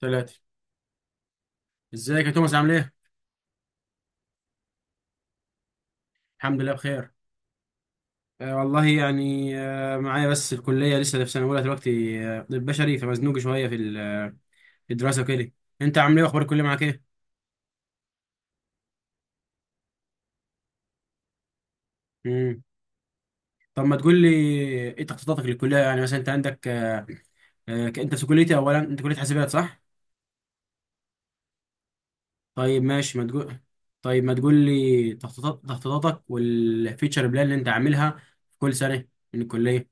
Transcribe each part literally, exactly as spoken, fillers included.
ثلاثة. ازيك يا توماس؟ عامل ايه؟ الحمد لله بخير. آه والله، يعني آه معايا، بس الكلية لسه في سنة أولى دلوقتي. آه، طب بشري، فمزنوق شوية في ال- آه، في الدراسة وكده. أنت عامل ايه؟ وأخبار الكلية معاك ايه؟ مم. طب ما تقول لي، ايه تخطيطاتك للكلية؟ يعني مثلا أنت عندك آه آه أنت في كليتي، أولا أنت كلية حاسبات صح؟ طيب ماشي، ما تقول. طيب ما تقول لي تخطيطات، تخطيطاتك والفيتشر بلان اللي أنت عاملها في كل سنة من الكلية.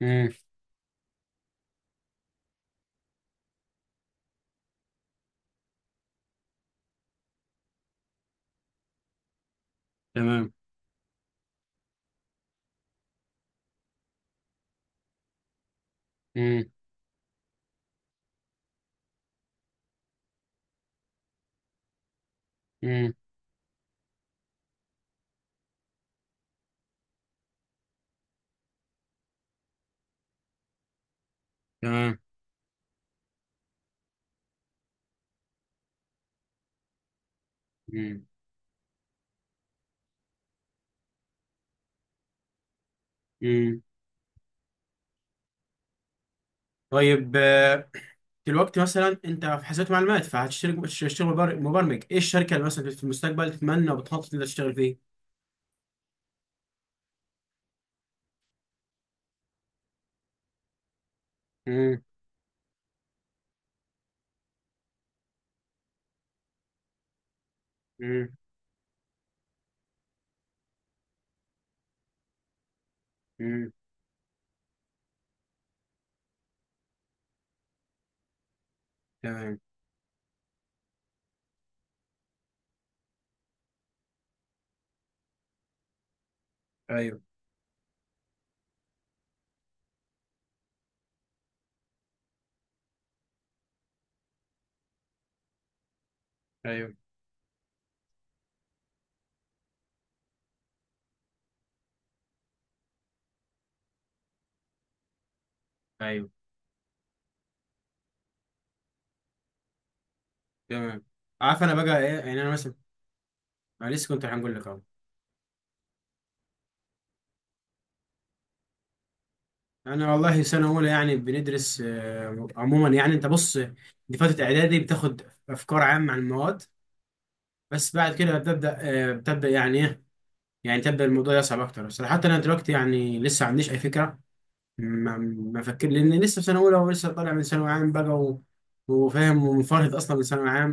مم. تمام. مم. مم. تمام. مم. مم. طيب، آه، دلوقتي مثلا انت في حاسبات معلومات، فهتشتغل، تشتغل مبر- مبرمج، ايه الشركه اللي مثلا في المستقبل تتمنى وبتخطط انك تشتغل فيه؟ امم. امم. امم. تمام. ايوه. ايوه. ايوه. تمام. عارف انا بقى ايه؟ يعني انا مثلا، انا لسه كنت هنقول لك اهو. انا والله سنه اولى، يعني بندرس آه، عموما. يعني انت بص، دي فتره اعدادي، بتاخد افكار عامه عن المواد، بس بعد كده بتبدا، آه، بتبدا يعني ايه، يعني تبدا الموضوع يصعب اكتر. بس حتى انا دلوقتي يعني لسه ما عنديش اي فكره، ما ما فكر، لان لسه في سنه اولى ولسه طالع من ثانوي عام بقى، و... وفاهم ومنفرد اصلا من ثانوي عام.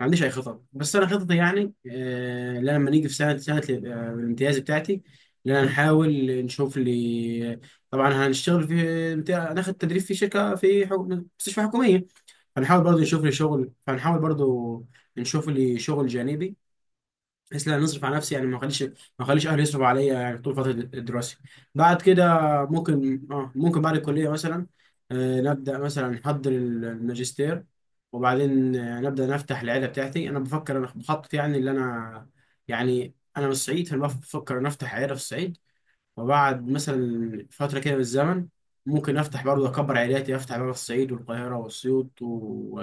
ما عنديش اي خطط. بس انا خططي يعني آه لا، لما نيجي في سنه سنه ال- آه، الامتياز بتاعتي، ان انا نحاول نشوف لي. طبعا هنشتغل في بتاع، ناخد تدريب في شركه، في حكم... مستشفى حكوميه. هنحاول برضه نشوف لي شغل، فهنحاول برضه نشوف لي شغل جانبي، بحيث لا نصرف على نفسي. يعني ما اخليش، ما اخليش اهلي يصرفوا عليا يعني طول فتره الدراسه. بعد كده ممكن اه، ممكن بعد الكليه مثلا آه نبدا مثلا نحضر الماجستير، وبعدين آه نبدا نفتح العيله بتاعتي. انا بفكر، انا بخطط يعني، اللي انا يعني انا من الصعيد، فانا بفكر ان افتح عيله في الصعيد. وبعد مثلا فترة كده من الزمن ممكن أفتح برضه أكبر عائلاتي، أفتح بقى في الصعيد والقاهرة وأسيوط و...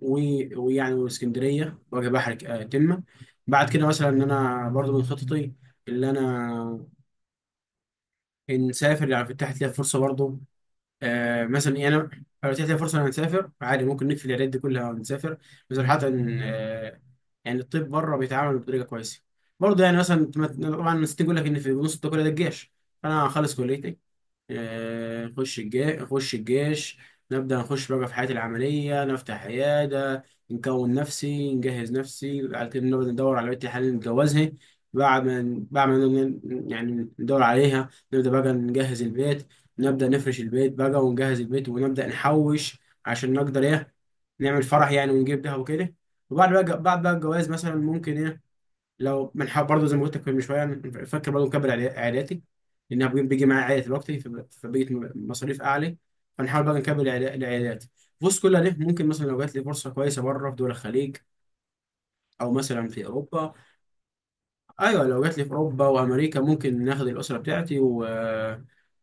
و- ويعني واسكندرية، وأجي بحر ك- آه، تمة. بعد كده مثلا، إن أنا برضه من خططي اللي أنا نسافر. يعني فتحت لي فرصة برضه، آه مثلا، يعني أنا لو اتيحت لي فرصة إن أنا نسافر عادي، ممكن نقفل العيادات دي كلها ونسافر. بس حتى إن آه، يعني الطب بره بيتعامل بطريقة كويسة برضه. يعني مثلا طبعا الناس تقول لك إن في نص التكلفة ده الجيش. أنا هخلص كليتي، آه، خش الجيش، خش الجيش نبدأ نخش بقى في حياتي العملية، نفتح عيادة، نكون نفسي، نجهز نفسي، بعد كده نبدأ ندور على بنت الحلال اللي نتجوزها. بعد ما بعد ما ن- يعني ندور عليها، نبدأ بقى نجهز البيت، نبدأ نفرش البيت بقى ونجهز البيت، ونبدأ نحوش عشان نقدر ايه، نعمل فرح يعني، ونجيب ده وكده. وبعد بقى، بعد بقى الجواز مثلا ممكن ايه، لو منح برضه زي ما قلت لك من شويه. أنا فاكر برضه مكبر عائلاتي، عائلاتي، لانها بي- بيجي معايا عائله دلوقتي، فب- فبقيت م- مصاريف اعلى. فنحاول بقى نكبر عائلا- لعائلاتي. بص كلها ليه، ممكن مثلا لو جات لي فرصه كويسه بره في دول الخليج او مثلا في اوروبا. ايوه، لو جات لي في اوروبا وامريكا ممكن ناخد الاسره بتاعتي و...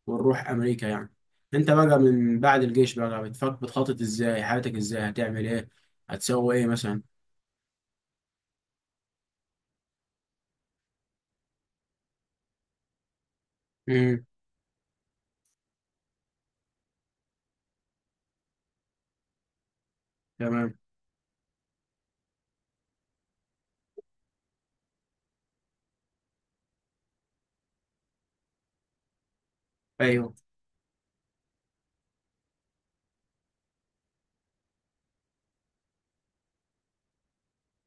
ونروح امريكا يعني. انت بقى من بعد الجيش بقى بتفكر، بتخطط ازاي حياتك، ازاي هتعمل ايه، هتسوي ايه مثلا؟ امم. تمام. ايوه.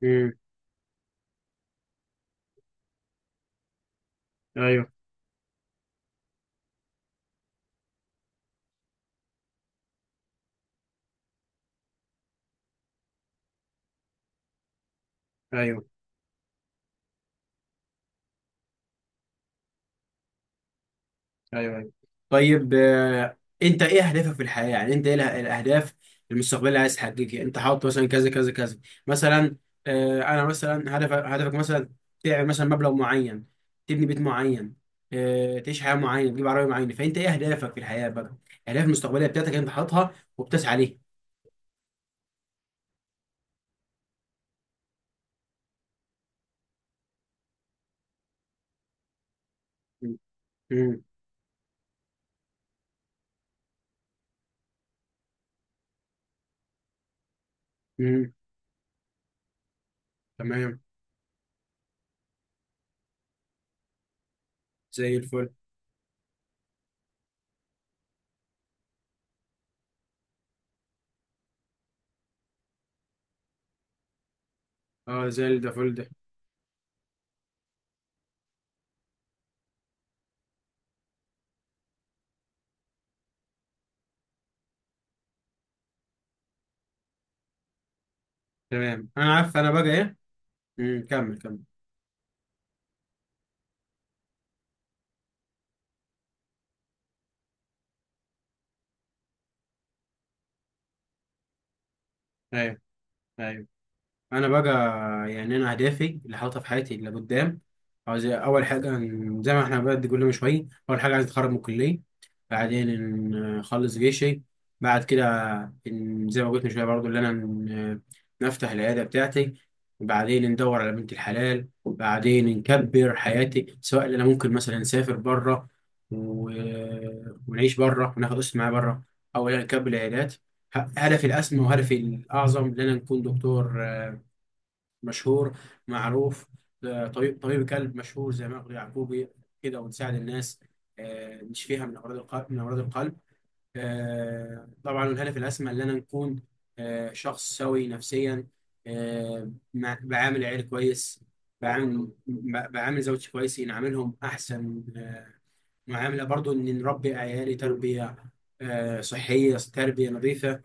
امم. ايوه. ايوه. ايوه. ايوه. طيب آه، انت ايه اهدافك في الحياه؟ يعني انت ايه اله- الاهداف المستقبليه اللي عايز تحققها؟ انت حاطط مثلا كذا كذا كذا مثلا، آه، انا مثلا هدف، هدفك مثلا تعمل مثلا مبلغ معين، تبني بيت معين، آه، تعيش حياه معينه، تجيب عربيه معينه. فانت ايه اهدافك في الحياه بقى؟ الاهداف المستقبليه بتاعتك انت حاططها وبتسعى ليها. مم. مم. مم. تمام. زي الفل. اه زي الفل ده. تمام، انا عارف انا بقى ايه. مم. كمل كمل. ايوه. ايوه. انا بقى يعني، انا اهدافي اللي حاططها في حياتي اللي قدام، عاوز اول حاجه ن- زي ما احنا بقى كل من شويه، اول حاجه عايز اتخرج من الكليه، بعدين ن- نخلص جيشي، بعد كده ن- زي ما قلت من شويه برضو اللي انا ن- نفتح العياده بتاعتي، وبعدين ندور على بنت الحلال، بعدين نكبر حياتي، سواء اللي انا ممكن مثلا نسافر بره و... ونعيش بره وناخد اسم معايا بره، او إن أنا نكبر العيادات. ه- هدفي الاسمى وهدفي الاعظم ان انا نكون دكتور مشهور معروف، آه، طبيب، طبيب قلب مشهور زي ماجد يعقوبي كده، ونساعد الناس، آه، نشفيها من امراض القلب، من امراض القلب. آه، طبعا الهدف الاسمى ان انا نكون آه، شخص سوي نفسيا، آه، مع- بعامل عيال كويس، بعامل ب- بعامل زوجتي كويس، نعاملهم احسن آه، معامله. برضو ان نربي عيالي تربيه آه، صحيه، تربيه نظيفه،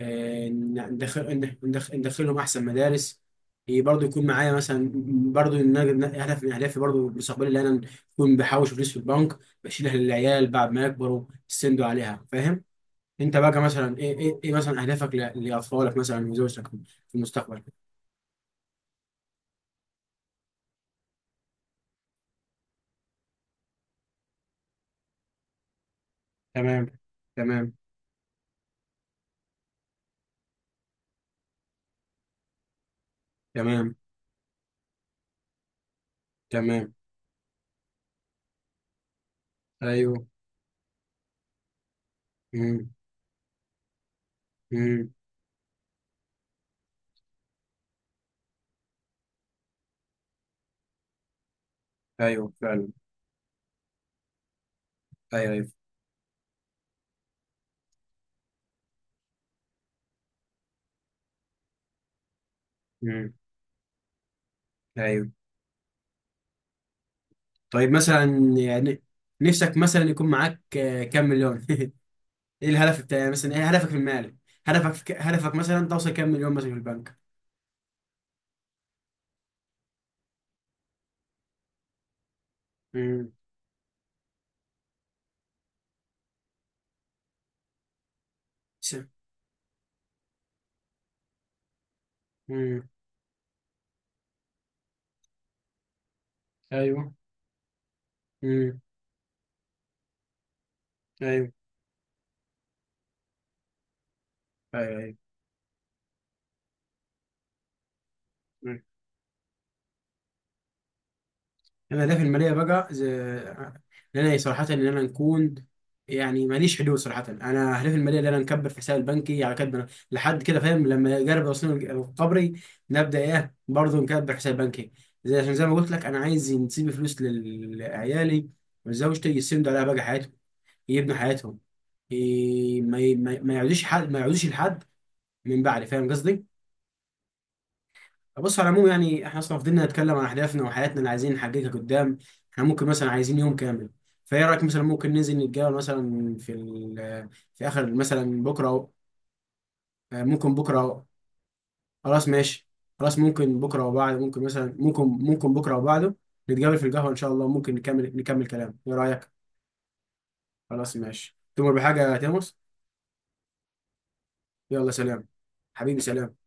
آه، ندخل ندخل- ندخلهم احسن مدارس. إيه، برضو يكون معايا مثلا، برضو ان انا هدف من اهدافي برضو المستقبلي اللي انا اكون بحوش فلوس في البنك بشيلها للعيال بعد ما يكبروا، يستندوا عليها فاهم. انت بقى مثلا ايه ايه, إيه مثلا اهدافك ل- لاطفالك مثلا وزوجتك في المستقبل؟ تمام. تمام. تمام. تمام. ايوه. امم. امم. ايوه فعلا. ايوه. ايوه. امم. ايوه. طيب مثلا يعني نفسك مثلا يكون معاك آه، كام مليون ايه الهدف بتاعي مثلا، ايه هدفك المالي؟ هدفك في ك... هدفك مثلا توصل كام مليون مثلا في البنك؟ امم. س- امم. ايوه. امم. ايوه. ايوه. ايوه. مم. انا الاهداف الماليه بقى زي... ان انا صراحه ان انا نكون، يعني ماليش حدود صراحه. انا اهدافي الماليه ان انا نكبر في حساب البنكي على كدنا لحد كده فاهم، لما يقرب يوصلني قبري نبدا ايه برضه نكبر حساب بنكي، زي عشان زي ما قلت لك انا عايز نسيب فلوس لل- لعيالي وزوجتي يسندوا عليها بقى حياتهم، يبنوا حياتهم، ي- ما ي- ما ما يعودوش حد، ما يعودوش لحد من بعد، فاهم قصدي؟ بص على العموم يعني احنا اصلا فضلنا نتكلم عن اهدافنا وحياتنا اللي عايزين نحققها قدام، احنا ممكن مثلا عايزين يوم كامل. فايه رايك مثلا ممكن ننزل نتقابل مثلا في ال- في اخر مثلا بكره أو آه، ممكن بكره أو خلاص ماشي. خلاص ممكن بكره وبعد، ممكن مثلا، ممكن ممكن بكره وبعده نتقابل في القهوه ان شاء الله، ممكن نكمل نكمل كلام، ايه رايك؟ خلاص ماشي. تؤمر بحاجه يا تيموس؟ يلا سلام. حبيبي سلام.